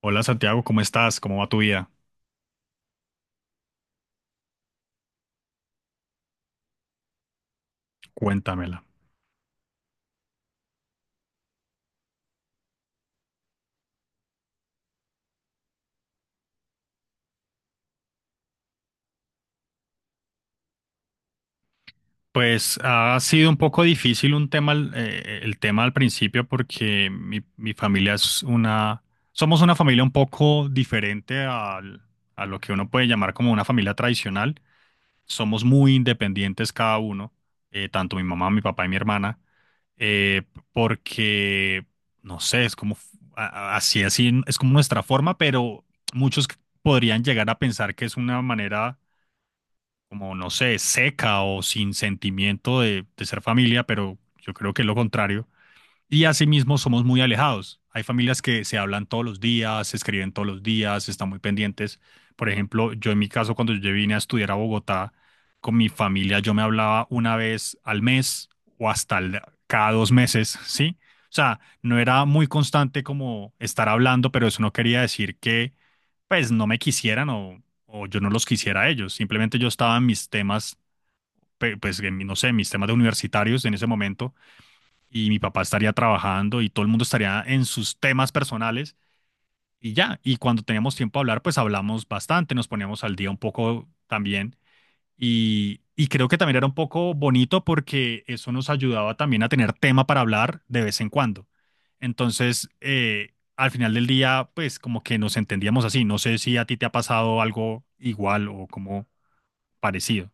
Hola Santiago, ¿cómo estás? ¿Cómo va tu vida? Cuéntamela. Pues ha sido un poco difícil un tema, el tema al principio porque mi familia es una, somos una familia un poco diferente a lo que uno puede llamar como una familia tradicional. Somos muy independientes cada uno, tanto mi mamá, mi papá y mi hermana, eh, porque, no sé, es como, a- así, así, es como nuestra forma, pero muchos podrían llegar a pensar que es una manera como, no sé, seca o sin sentimiento de ser familia, pero yo creo que es lo contrario. Y asimismo somos muy alejados. Hay familias que se hablan todos los días, se escriben todos los días, están muy pendientes. Por ejemplo, yo en mi caso, cuando yo vine a estudiar a Bogotá, con mi familia yo me hablaba una vez al mes o cada 2 meses, ¿sí? O sea, no era muy constante como estar hablando, pero eso no quería decir que pues no me quisieran o yo no los quisiera a ellos. Simplemente yo estaba en mis temas, pues no sé, mis temas de universitarios en ese momento y mi papá estaría trabajando y todo el mundo estaría en sus temas personales y ya. Y cuando teníamos tiempo a hablar, pues hablamos bastante, nos poníamos al día un poco también. Y creo que también era un poco bonito porque eso nos ayudaba también a tener tema para hablar de vez en cuando. Entonces, al final del día, pues como que nos entendíamos así. No sé si a ti te ha pasado algo igual o como parecido.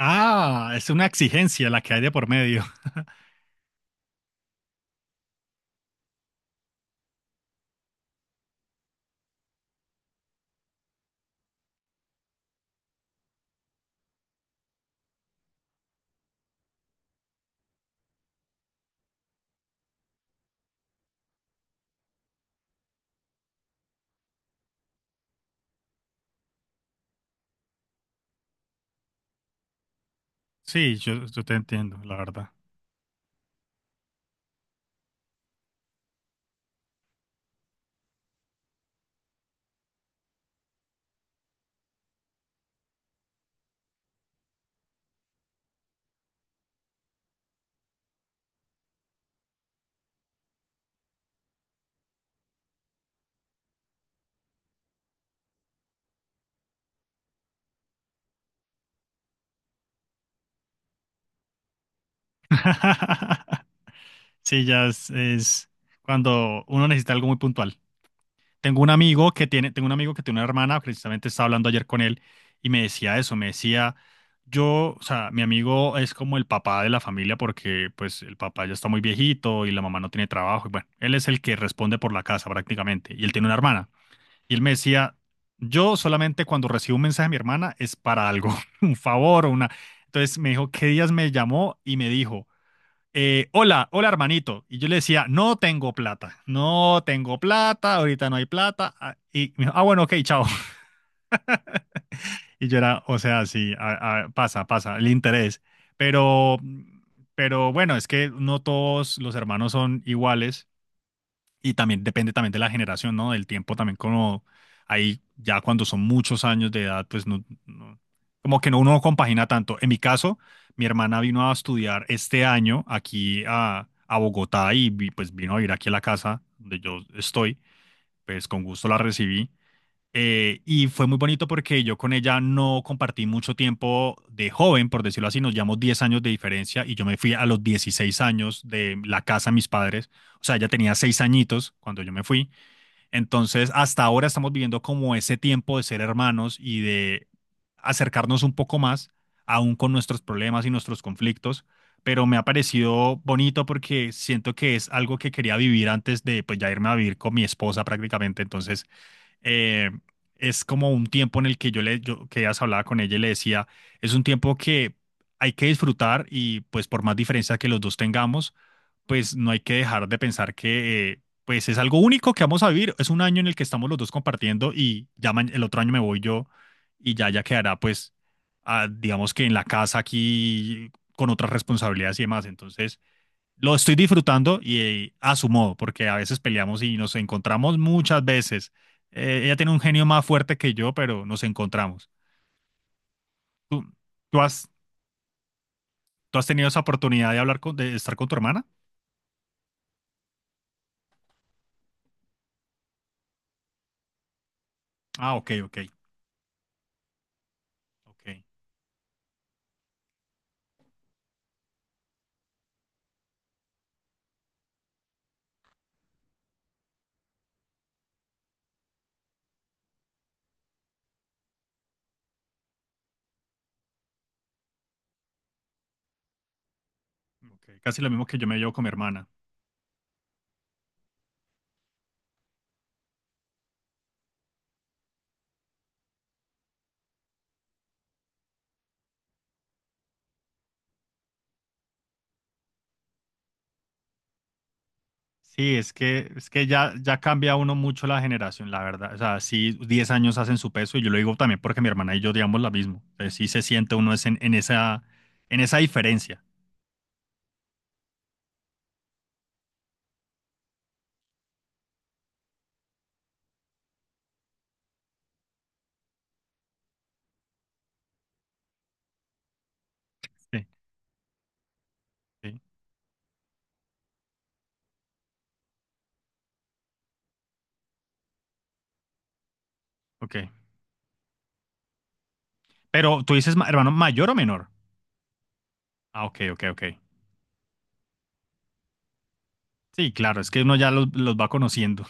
Ah, es una exigencia la que hay de por medio. Sí, yo te entiendo, la verdad. Sí, es cuando uno necesita algo muy puntual. Tengo un amigo que tiene una hermana, precisamente estaba hablando ayer con él y me decía eso, me decía, yo, o sea, mi amigo es como el papá de la familia porque pues el papá ya está muy viejito y la mamá no tiene trabajo y bueno, él es el que responde por la casa prácticamente y él tiene una hermana. Y él me decía, yo solamente cuando recibo un mensaje de mi hermana es para algo, un favor o una... Entonces me dijo, ¿qué días me llamó y me dijo? Hola, hola hermanito. Y yo le decía, no tengo plata, no tengo plata, ahorita no hay plata. Ah, y me dijo, ah, bueno, ok, chao. Y yo era, o sea, sí, pasa, pasa, el interés. Pero, pero bueno, es que no todos los hermanos son iguales. Y también depende también de la generación, ¿no? Del tiempo también como ahí ya cuando son muchos años de edad, como que uno no compagina tanto. En mi caso, mi hermana vino a estudiar este año aquí a Bogotá y pues vino a vivir aquí a la casa donde yo estoy, pues con gusto la recibí y fue muy bonito porque yo con ella no compartí mucho tiempo de joven, por decirlo así, nos llevamos 10 años de diferencia y yo me fui a los 16 años de la casa de mis padres, o sea, ella tenía 6 añitos cuando yo me fui, entonces hasta ahora estamos viviendo como ese tiempo de ser hermanos y de acercarnos un poco más, aún con nuestros problemas y nuestros conflictos, pero me ha parecido bonito porque siento que es algo que quería vivir antes de pues ya irme a vivir con mi esposa prácticamente, entonces eh, es como un tiempo en el que yo, que ya hablaba con ella y le decía, es un tiempo que hay que disfrutar y pues por más diferencia que los dos tengamos, pues no hay que dejar de pensar que pues es algo único que vamos a vivir, es un año en el que estamos los dos compartiendo y ya el otro año me voy yo y ya quedará pues ah, digamos que en la casa aquí con otras responsabilidades y demás, entonces lo estoy disfrutando y a su modo, porque a veces peleamos y nos encontramos muchas veces. Ella tiene un genio más fuerte que yo, pero nos encontramos. ¿Tú, tú has, ¿Tú has tenido esa oportunidad de hablar con, de estar con tu hermana? Ah, ok, ok, ok, ok. Casi lo mismo que yo me llevo con mi hermana. Sí, es que ya cambia uno mucho la generación, la verdad. O sea, sí, 10 años hacen su peso y yo lo digo también porque mi hermana y yo digamos lo mismo. Entonces, sí se siente uno es en esa diferencia. Sí, sí, ok. Pero tú dices, hermano, mayor o menor. Ah, ok, ok, ok. Sí, claro, es que uno ya los va conociendo.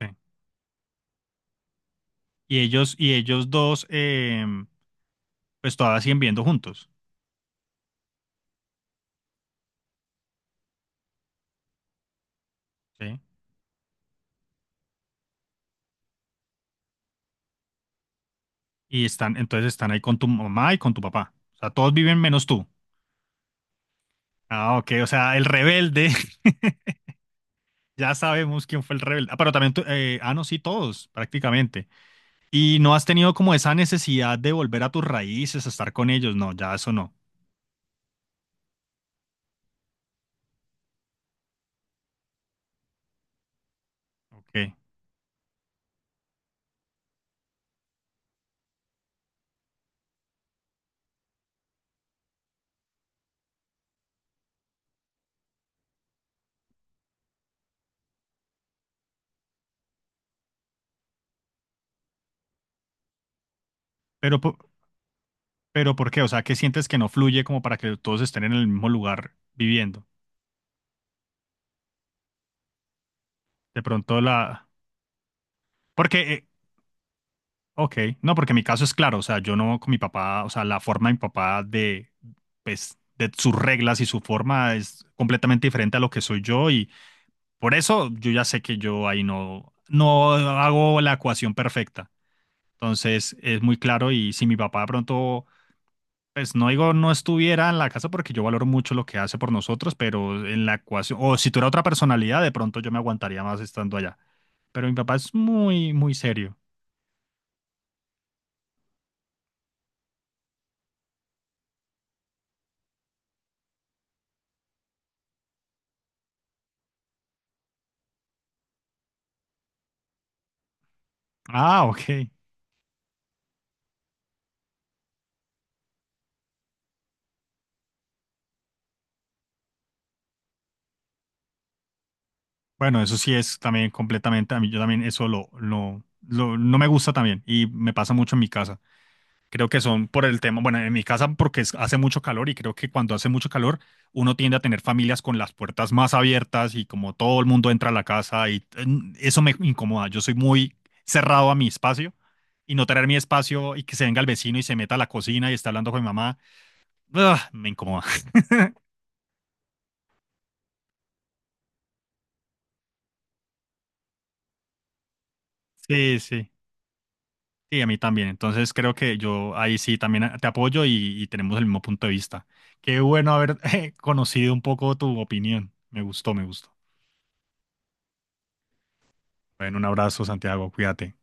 Sí. Y ellos dos, pues todavía siguen viviendo juntos. Sí. Y están, entonces están ahí con tu mamá y con tu papá. O sea, todos viven menos tú. Ah, ok, o sea, el rebelde. Ya sabemos quién fue el rebelde. Ah, pero también, no, sí, todos, prácticamente. Y no has tenido como esa necesidad de volver a tus raíces, a estar con ellos. No, ya eso no. Ok. Pero, po- pero ¿por qué? O sea, ¿qué sientes que no fluye como para que todos estén en el mismo lugar viviendo? De pronto la... Porque, ok, no, porque mi caso es claro, o sea, yo no con mi papá, o sea, la forma de mi papá de, pues, de sus reglas y su forma es completamente diferente a lo que soy yo y por eso yo ya sé que yo ahí no, no hago la ecuación perfecta. Entonces, es muy claro y si mi papá de pronto, pues no digo no estuviera en la casa porque yo valoro mucho lo que hace por nosotros, pero en la ecuación, o si tuviera otra personalidad, de pronto yo me aguantaría más estando allá. Pero mi papá es muy serio. Ah, ok. Bueno, eso sí es también completamente, a mí yo también eso no me gusta también y me pasa mucho en mi casa. Creo que son por el tema, bueno, en mi casa porque hace mucho calor y creo que cuando hace mucho calor uno tiende a tener familias con las puertas más abiertas y como todo el mundo entra a la casa y mm, eso me incomoda. Yo soy muy cerrado a mi espacio y no tener mi espacio y que se venga el vecino y se meta a la cocina y está hablando con mi mamá, ugh, me incomoda. Sí, sí, sí, a mí también. Entonces creo que yo ahí sí también te apoyo y tenemos el mismo punto de vista. Qué bueno haber conocido un poco tu opinión. Me gustó, me gustó. Bueno, un abrazo, Santiago, cuídate.